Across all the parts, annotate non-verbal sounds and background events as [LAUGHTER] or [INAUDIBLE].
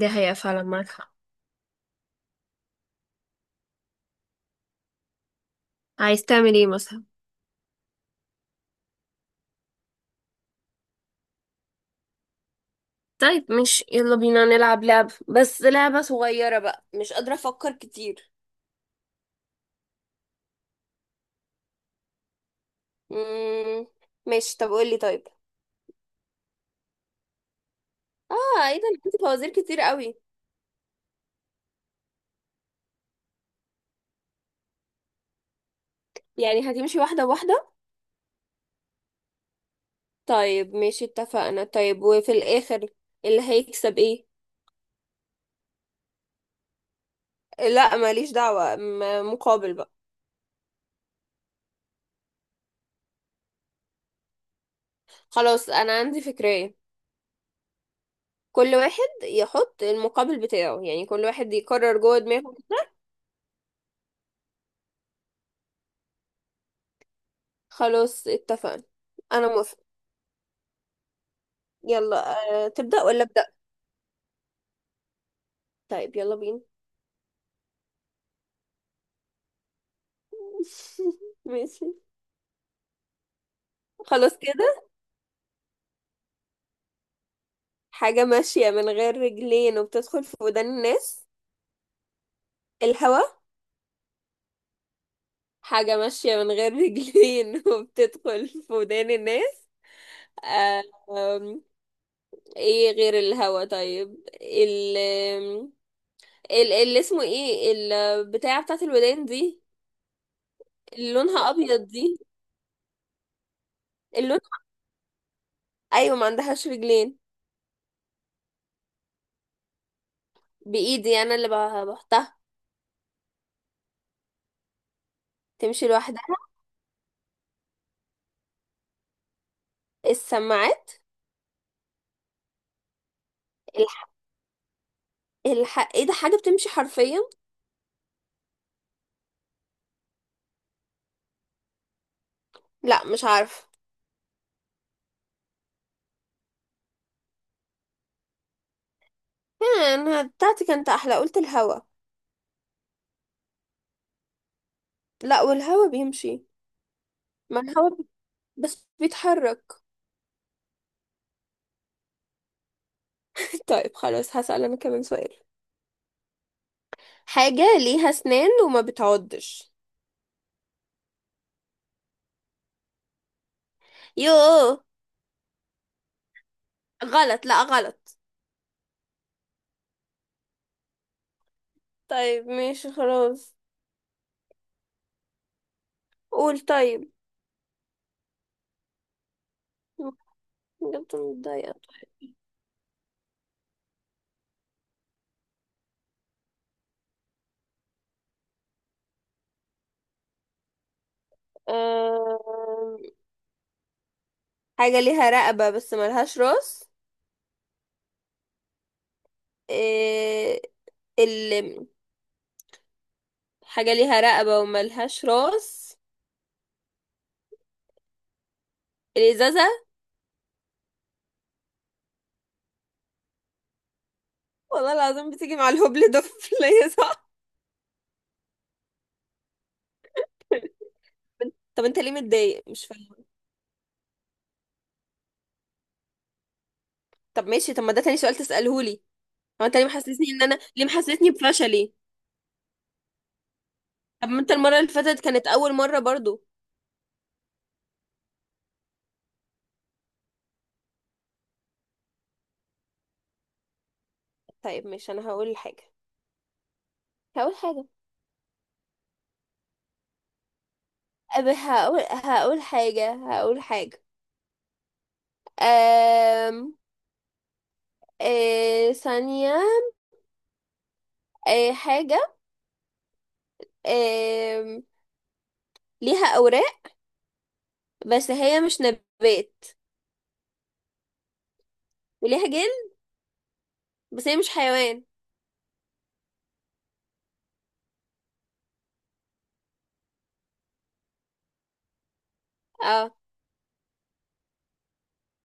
دي حقيقة فعلا، معاك حق. عايز تعمل ايه مثلا؟ طيب مش يلا بينا نلعب لعبة؟ بس لعبة صغيرة بقى، مش قادرة أفكر كتير. مم. ماشي، طب قولي طيب. اه ايه ده، أنا عندي فوازير كتير قوي. يعني هتمشي واحدة واحدة؟ طيب ماشي اتفقنا. طيب وفي الآخر اللي هيكسب ايه؟ لا ماليش دعوة، مقابل بقى. خلاص أنا عندي فكرة. كل واحد يحط المقابل بتاعه، يعني كل واحد يقرر جوه دماغه. خلاص اتفقنا. أنا موافقة. يلا. أه، تبدأ ولا أبدأ؟ طيب يلا بينا. [LAUGHS] ماشي. خلاص كده. حاجة ماشية من غير رجلين وبتدخل في ودان الناس. الهوا. حاجة ماشية من غير رجلين [LAUGHS] وبتدخل في ودان الناس. أه. آم، ايه غير الهوا؟ طيب ال آم، ال اللي اسمه ايه، البتاعة بتاعت الودان دي، اللي لونها ابيض دي. اللون. ايوه، ما عندهاش رجلين. بايدي انا اللي بحطها. تمشي لوحدها. السماعات. ايه ده، حاجة بتمشي حرفيا؟ لا مش عارفة. كان بتاعتي كانت احلى، قلت الهوا. لا والهوا بيمشي. ما الهوا بس بيتحرك. [LAUGHS] طيب خلاص، هسأل انا كمان سؤال. حاجة ليها اسنان وما بتعضش. يوه. غلط، لا غلط. طيب ماشي خلاص. قول طيب. جبت متضايقة. أم... حاجة ليها رقبة بس ملهاش راس. إيه... ال... حاجة ليها رقبة وملهاش راس. الإزازة. والله العظيم بتيجي مع الهبل ده في ليا [LAUGHS] صح. طب انت ليه متضايق، مش فاهم. طب ماشي، طب ما ده تاني سؤال تسأله لي. هو انت ليه محسسني ان انا، ليه محسسني بفشلي؟ طب ما انت المرة اللي فاتت كانت اول مرة برضو. طيب ماشي، انا هقول حاجة. هقول حاجة. هقول حاجة. هقول حاجة. أم... ثانية. حاجة. أم... ليها أوراق بس هي مش نبات، وليها جلد بس هي مش حيوان. اه.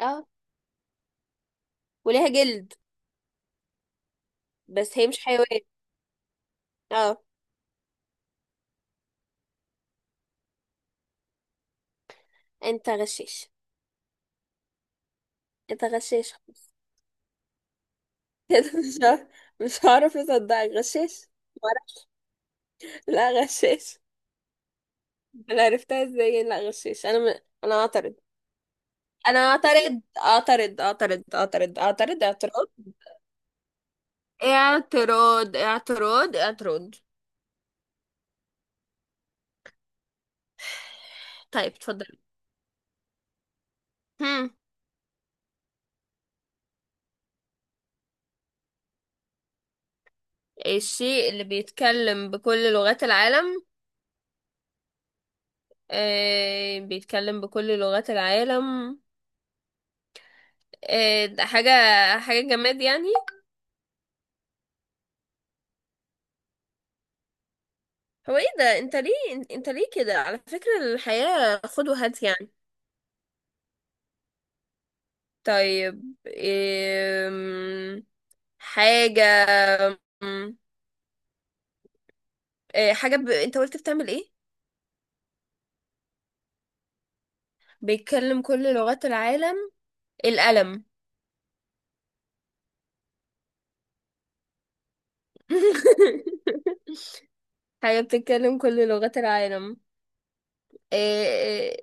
اه وليها جلد بس هي مش حيوان. اه. انت غشيش. انت غشيش خلاص. [LAUGHS] كده مش هعرف. مش هعرف اصدقك، غشيش. مرة. [LAUGHS] لا غشيش. انا عرفتها ازاي، لا غشيش. انا انا اعترض. انا اعترض اعترض اعترض اعترض اعترض اعتراض اعتراض اعتراض اعتراض. طيب اتفضل. هم. الشيء اللي بيتكلم بكل لغات العالم. بيتكلم بكل لغات العالم. ده حاجة، حاجة جماد يعني؟ هو ايه ده، انت ليه؟ انت ليه كده؟ على فكرة الحياة خد وهات يعني. طيب إيه؟ حاجة، أم، إيه حاجة انت قلت بتعمل ايه؟ بيتكلم كل لغات العالم. القلم. [LAUGHS] حاجة بتتكلم كل لغات العالم، إيه،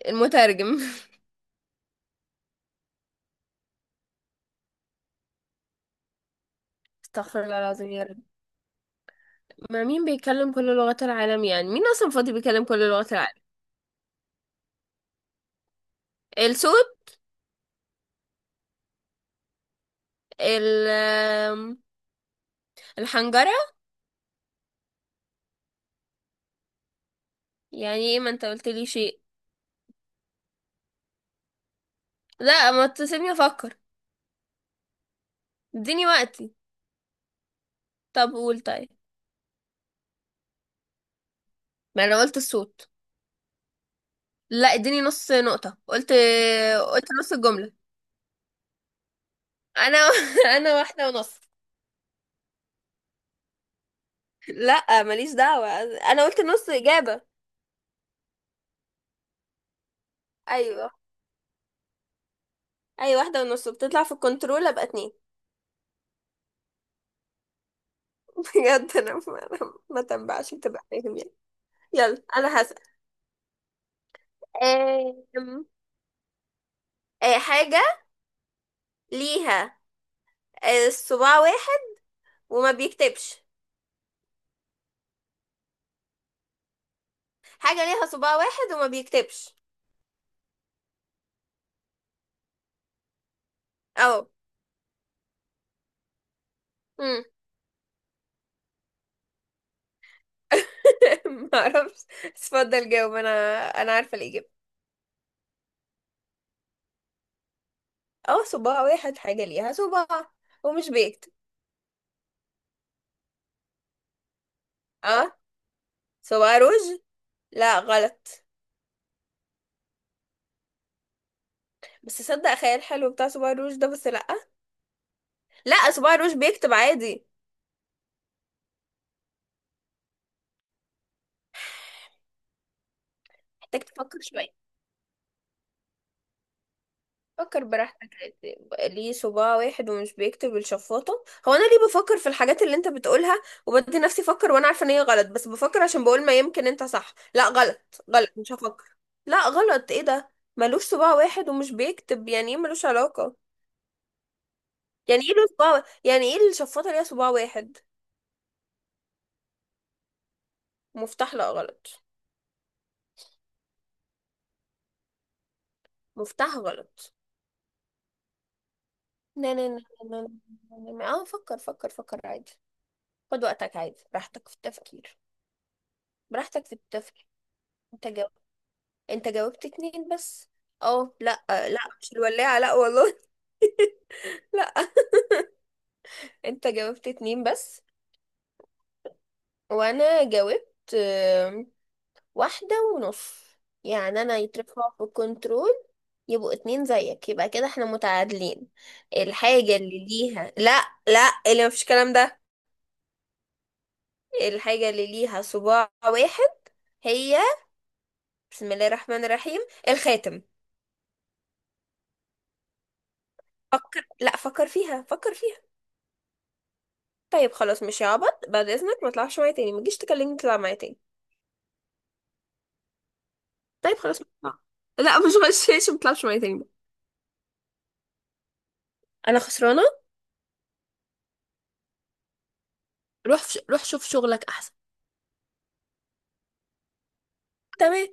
إيه المترجم؟ [LAUGHS] استغفر الله العظيم يا رب، ما مين بيتكلم كل لغات العالم؟ يعني مين اصلا فاضي بيتكلم كل لغات العالم؟ الصوت. ال- آم، الحنجرة. يعني ايه، ما انت قلت لي شيء؟ لا ما تسيبني افكر، اديني وقتي. طب قول طيب. ما انا قلت الصوت. لا اديني نص نقطة. قلت نص الجملة. انا [LAUGHS] انا واحدة ونص. لا ماليش دعوة، انا قلت نص اجابة. ايوه. اي واحدة ونص بتطلع في الكنترول، ابقى اتنين. [LAUGHS] بجد انا ما [LAUGHS] ما تنبعش، بتبقى فاهم يعني. يلا انا هسأل. آم، آه، حاجة ليها صباع واحد وما بيكتبش. حاجة ليها صباع واحد وما بيكتبش. اه. امم [LAUGHS] ما اعرفش اتفضل جاوب انا. انا عارفه الاجابه. اه صباع واحد، حاجه ليها صباع ومش بيكتب. اه صباع روج. لا غلط. بس صدق خيال حلو بتاع صباع روج ده، بس لا. لا صباع روج بيكتب عادي. محتاج تفكر شويه. فكر براحتك عادي. ليه صباع واحد ومش بيكتب بالشفاطة؟ هو انا ليه بفكر في الحاجات اللي انت بتقولها وبدي نفسي افكر وانا عارفة ان هي غلط، بس بفكر عشان بقول ما يمكن انت صح. لا غلط غلط، مش هفكر. لا غلط، ايه ده؟ ملوش صباع واحد ومش بيكتب، يعني ايه؟ ملوش علاقة. يعني ايه له صباع يعني ايه الشفاطة ليها صباع واحد؟ مفتاح، لا غلط. مفتاح غلط. لا لا لا. لا. لا لا. اه فكر فكر فكر عادي. خد وقتك عادي، براحتك في التفكير. براحتك في التفكير. انت انت جاوبت اتنين بس. اه لا لا مش الولاعة، لا والله. [LAUGHS] لا. انت جاوبت اتنين بس. وانا جاوبت واحدة ونص. يعني انا يترفع في الكنترول يبقوا اتنين زيك، يبقى كده احنا متعادلين. الحاجة اللي ليها، لا لا، اللي مفيش الكلام ده. الحاجة اللي ليها صباع واحد هي، بسم الله الرحمن الرحيم، الخاتم. فكر، لا فكر فيها فكر فيها. طيب خلاص مش هعبط بعد اذنك، ما تطلعش معايا تاني، ما تجيش تكلمني، تطلع معايا تاني. طيب خلاص مطلع. لا مش غشاش، ما تطلعش معايا تاني بقى. انا خسرانه. روح شوف شغلك احسن. تمام.